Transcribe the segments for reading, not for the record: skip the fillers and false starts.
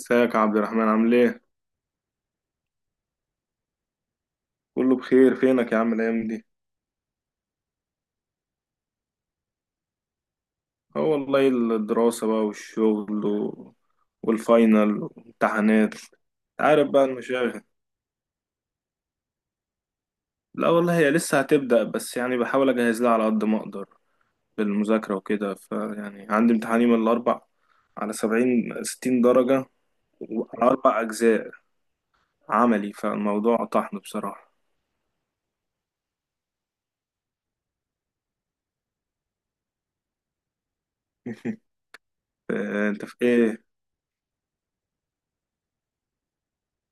ازيك يا عبد الرحمن؟ عامل ايه؟ كله بخير، فينك يا عم الأيام دي؟ اه والله، الدراسة بقى والشغل و... والفاينل والامتحانات. عارف بقى المشاغل. لا والله، هي لسه هتبدأ، بس يعني بحاول أجهز لها على قد ما أقدر بالمذاكرة وكده. فيعني عندي امتحان يوم الأربع على سبعين ستين درجة، وعلى أربع أجزاء عملي. فالموضوع طحن بصراحة. أنت في إيه؟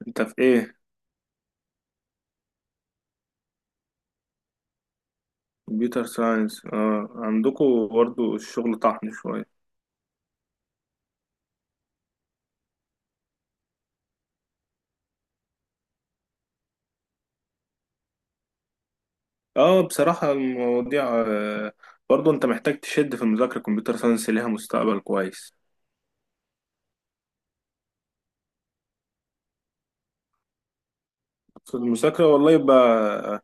أنت في إيه؟ كمبيوتر ساينس. اه عندكم برضه الشغل طحن. اه بصراحة المواضيع، برضه انت محتاج تشد في المذاكرة. كمبيوتر ساينس ليها مستقبل كويس. في المذاكرة والله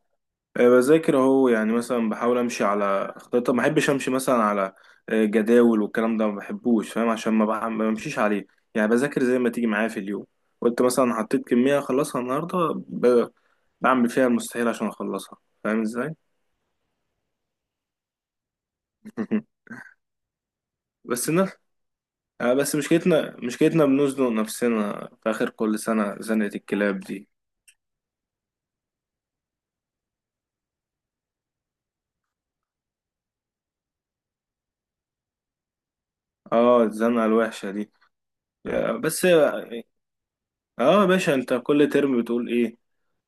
بذاكر اهو. يعني مثلا بحاول امشي على خطة، ما بحبش امشي مثلا على جداول والكلام ده، ما بحبوش، فاهم؟ عشان ما بمشيش عليه. يعني بذاكر زي ما تيجي معايا في اليوم. قلت مثلا حطيت كمية اخلصها النهاردة، ب- بعمل فيها المستحيل عشان اخلصها. فاهم ازاي؟ بس الناس... آه بس مشكلتنا بنزنق نفسنا في آخر كل سنة زنقة الكلاب دي. اه الزنقة الوحشة دي. آه بس اه، يا باشا انت كل ترم بتقول ايه؟ ان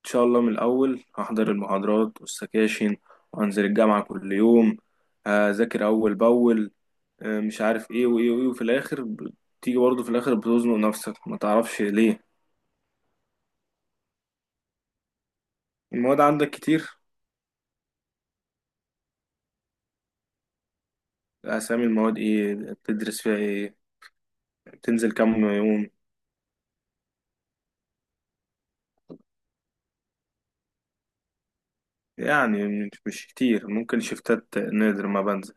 شاء الله من الأول هحضر المحاضرات والسكاشن، وهنزل الجامعة كل يوم، هذاكر أول بأول، آه مش عارف ايه وايه وايه. وفي الآخر بتيجي برضه في الآخر بتزنق نفسك ما تعرفش ليه. المواد عندك كتير؟ أسامي المواد ايه؟ بتدرس فيها ايه؟ بتنزل كام يوم؟ يعني مش كتير، ممكن شفتات، نادر ما بنزل.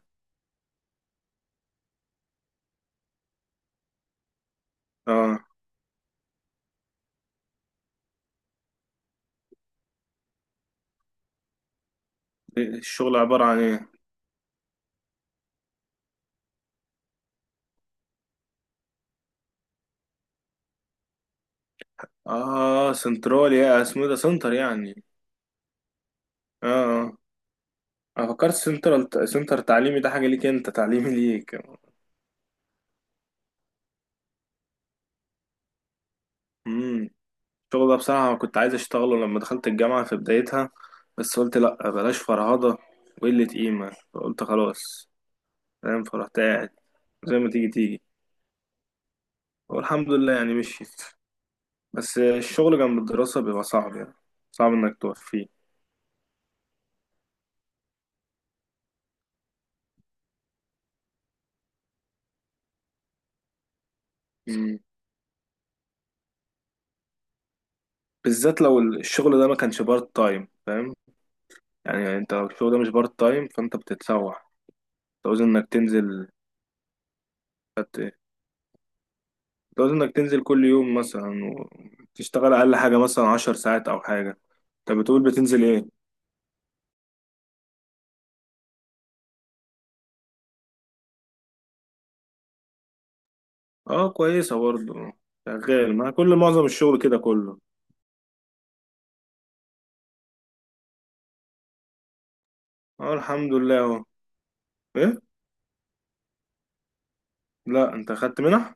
اه الشغل عبارة عن ايه؟ اه سنترال، يا اسمه إيه ده، سنتر يعني؟ اه. اه انا فكرت سنترال سنتر تعليمي ده حاجة ليك انت، تعليمي ليك. امم. الشغل ده بصراحة كنت عايز اشتغله لما دخلت الجامعة في بدايتها، بس قلت لا بلاش فرهضة وقلة قيمة، فقلت خلاص، فاهم؟ فرحت قاعد زي ما تيجي تيجي. والحمد لله يعني مشيت. بس الشغل جنب الدراسة بيبقى صعب يعني، صعب انك توفيه. بالذات لو الشغل ده ما كانش بارت تايم، فاهم؟ يعني انت لو الشغل ده مش بارت تايم، فانت بتتسوح. تعوز انك تنزل. هت- تعوز انك تنزل كل يوم مثلا، وتشتغل اقل حاجة مثلا عشر ساعات او حاجة. انت بتقول بتنزل ايه؟ اه كويسة برضه. شغال، ما كل معظم الشغل كده كله. اه الحمد لله اهو. ايه؟ لا انت خدت منح؟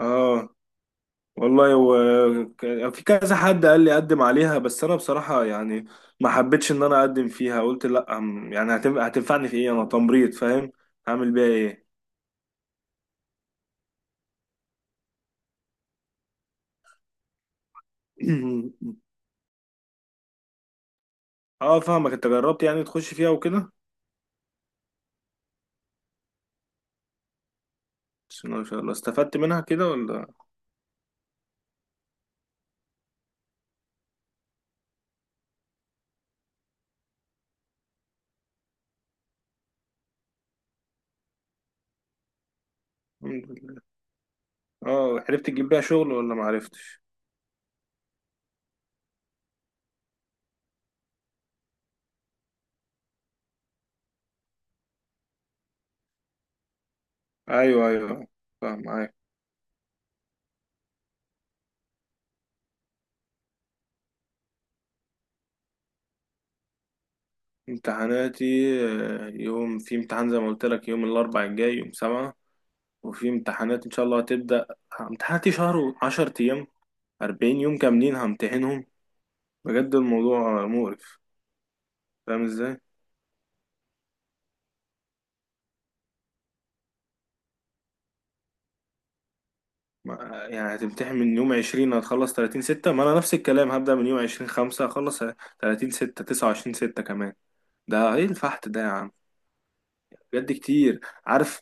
اه والله هو في كذا حد قال لي اقدم عليها، بس انا بصراحة يعني ما حبيتش ان انا اقدم فيها. قلت لا يعني هتنفعني في ايه؟ انا تمريض، فاهم؟ هعمل بيها ايه؟ اه فاهمك. انت جربت يعني تخش فيها وكده؟ بس ما شاء الله استفدت منها كده ولا؟ الحمد لله. اه عرفت تجيب بيها شغل ولا ما عرفتش؟ ايوه ايوه، فاهم معاك. امتحاناتي، يوم في امتحان زي ما قلت لك، يوم الاربع الجاي، يوم سبعة. وفي امتحانات ان شاء الله هتبدأ. امتحاناتي شهر وعشر ايام، 40 يوم كاملين همتحنهم. بجد الموضوع مقرف. فاهم ازاي؟ يعني هتمتحن من يوم 20، هتخلص 30 6. ما انا نفس الكلام. هبدأ من يوم 20 5، هخلص 30 6، 29 6 كمان. ده ايه الفحت ده يا عم؟ بجد كتير. عارف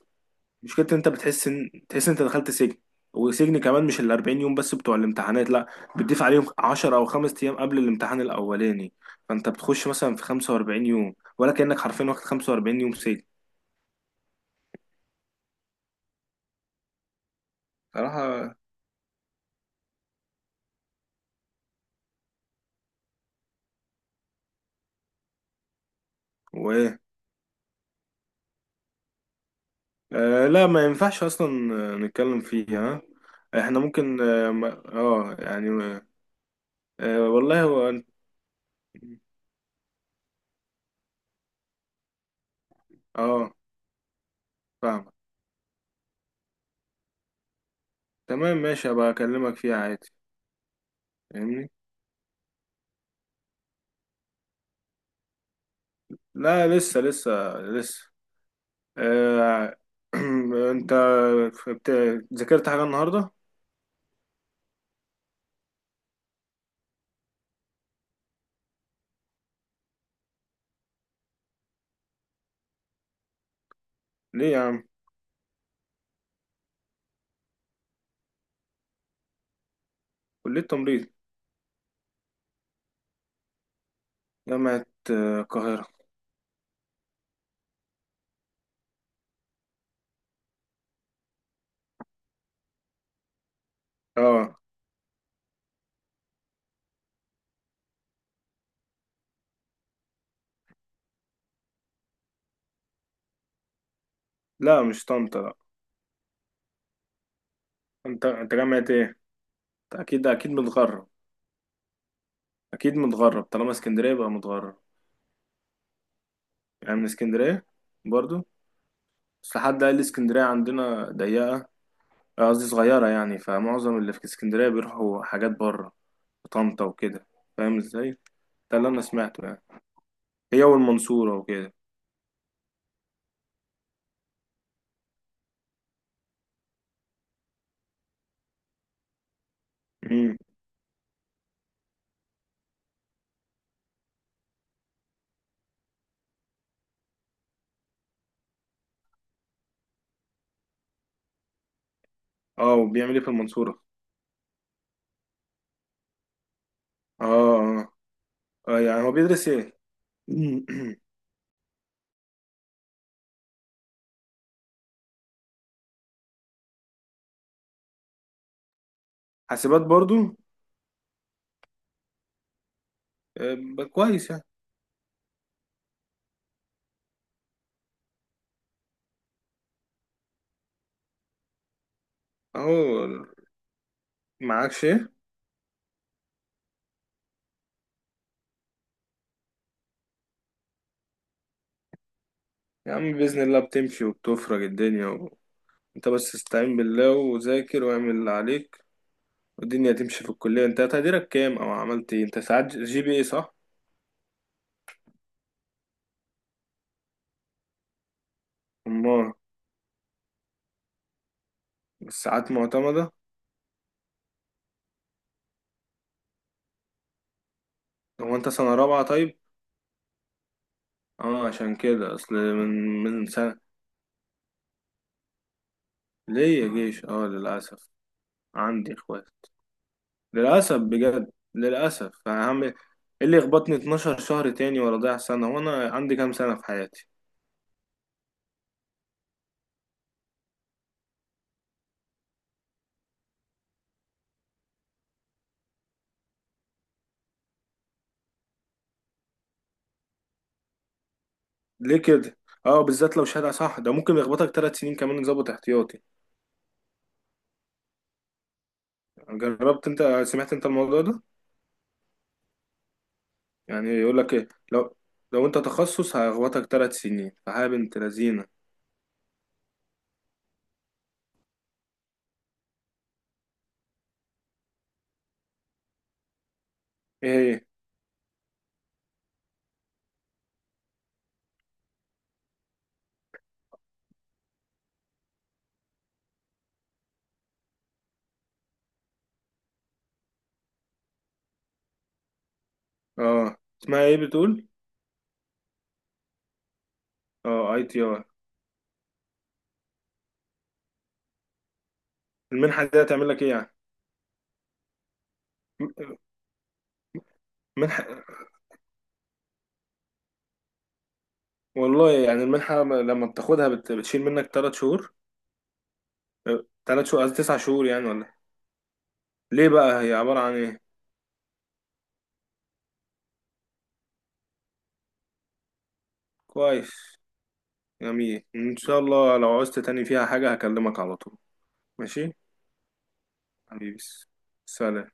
مشكلة إن انت بتحس ان، تحس إن انت دخلت سجن؟ وسجن كمان مش ال 40 يوم بس بتوع الامتحانات، لا، بتضيف عليهم 10 او 5 ايام قبل الامتحان الاولاني. فانت بتخش مثلا في 45 يوم، ولا كأنك حرفيا واخد 45 يوم سجن. صراحة. و آه لا، ما ينفعش اصلا نتكلم فيها. احنا ممكن اه يعني. آه والله هو اه فاهم. تمام ماشي، هبقى اكلمك فيها عادي، فاهمني. لا لسه لسه، لسه. آه. انت بت- ذاكرت حاجة النهاردة؟ ليه يا عم؟ كلية تمريض، جامعة القاهرة. اه. لا مش طنطا، لا. انت جامعة ايه؟ أنت اكيد اكيد متغرب. اكيد متغرب، طالما اسكندرية يبقى متغرب. يعني من اسكندرية برضو؟ بس حد قال لي اسكندرية عندنا ضيقة، قصدي صغيرة يعني، فمعظم اللي في اسكندرية بيروحوا حاجات بره، طنطا وكده، فاهم ازاي؟ ده اللي انا سمعته يعني، هي والمنصورة وكده. امم. اه، وبيعمل ايه في المنصورة؟ اه اه. يعني هو بيدرس ايه؟ حاسبات برضو. كويس يعني. اهو. معاكش ايه؟ يا عم بإذن الله بتمشي وبتفرج الدنيا و... انت بس استعين بالله وذاكر واعمل اللي عليك والدنيا تمشي. في الكلية انت تقديرك كام؟ او عملت ايه انت ساعات؟ جي بي اي صح؟ امال؟ الساعات معتمدة؟ هو انت سنة رابعة طيب؟ اه عشان كده اصل من سنة. ليه يا جيش؟ اه للأسف. عندي اخوات. للأسف بجد، للأسف يعني هعمل ايه؟ إيه اللي يخبطني 12 شهر تاني ولا ضيع سنة؟ وانا عندي كام سنة في حياتي؟ ليه كده؟ اه بالذات لو شهادة، صح، ده ممكن يخبطك ثلاث سنين كمان يظبط احتياطي. جربت انت، سمعت انت الموضوع ده؟ يعني يقول لك إيه لو، لو أنت تخصص هيخبطك تلات سنين، فحاجة بنت لذينة. إيه هي؟ أه اسمها إيه بتقول؟ أه أي تي آر. المنحة دي هتعمل لك إيه يعني؟ منحة. والله يعني المنحة لما بتاخدها بتشيل منك تلات شهور؟ أه، تلات شهور قصدي تسع شهور يعني ولا؟ ليه بقى، هي عبارة عن إيه؟ كويس. جميل إن شاء الله، لو عوزت تاني فيها حاجة هكلمك على طول. ماشي. حبيبي. سلام.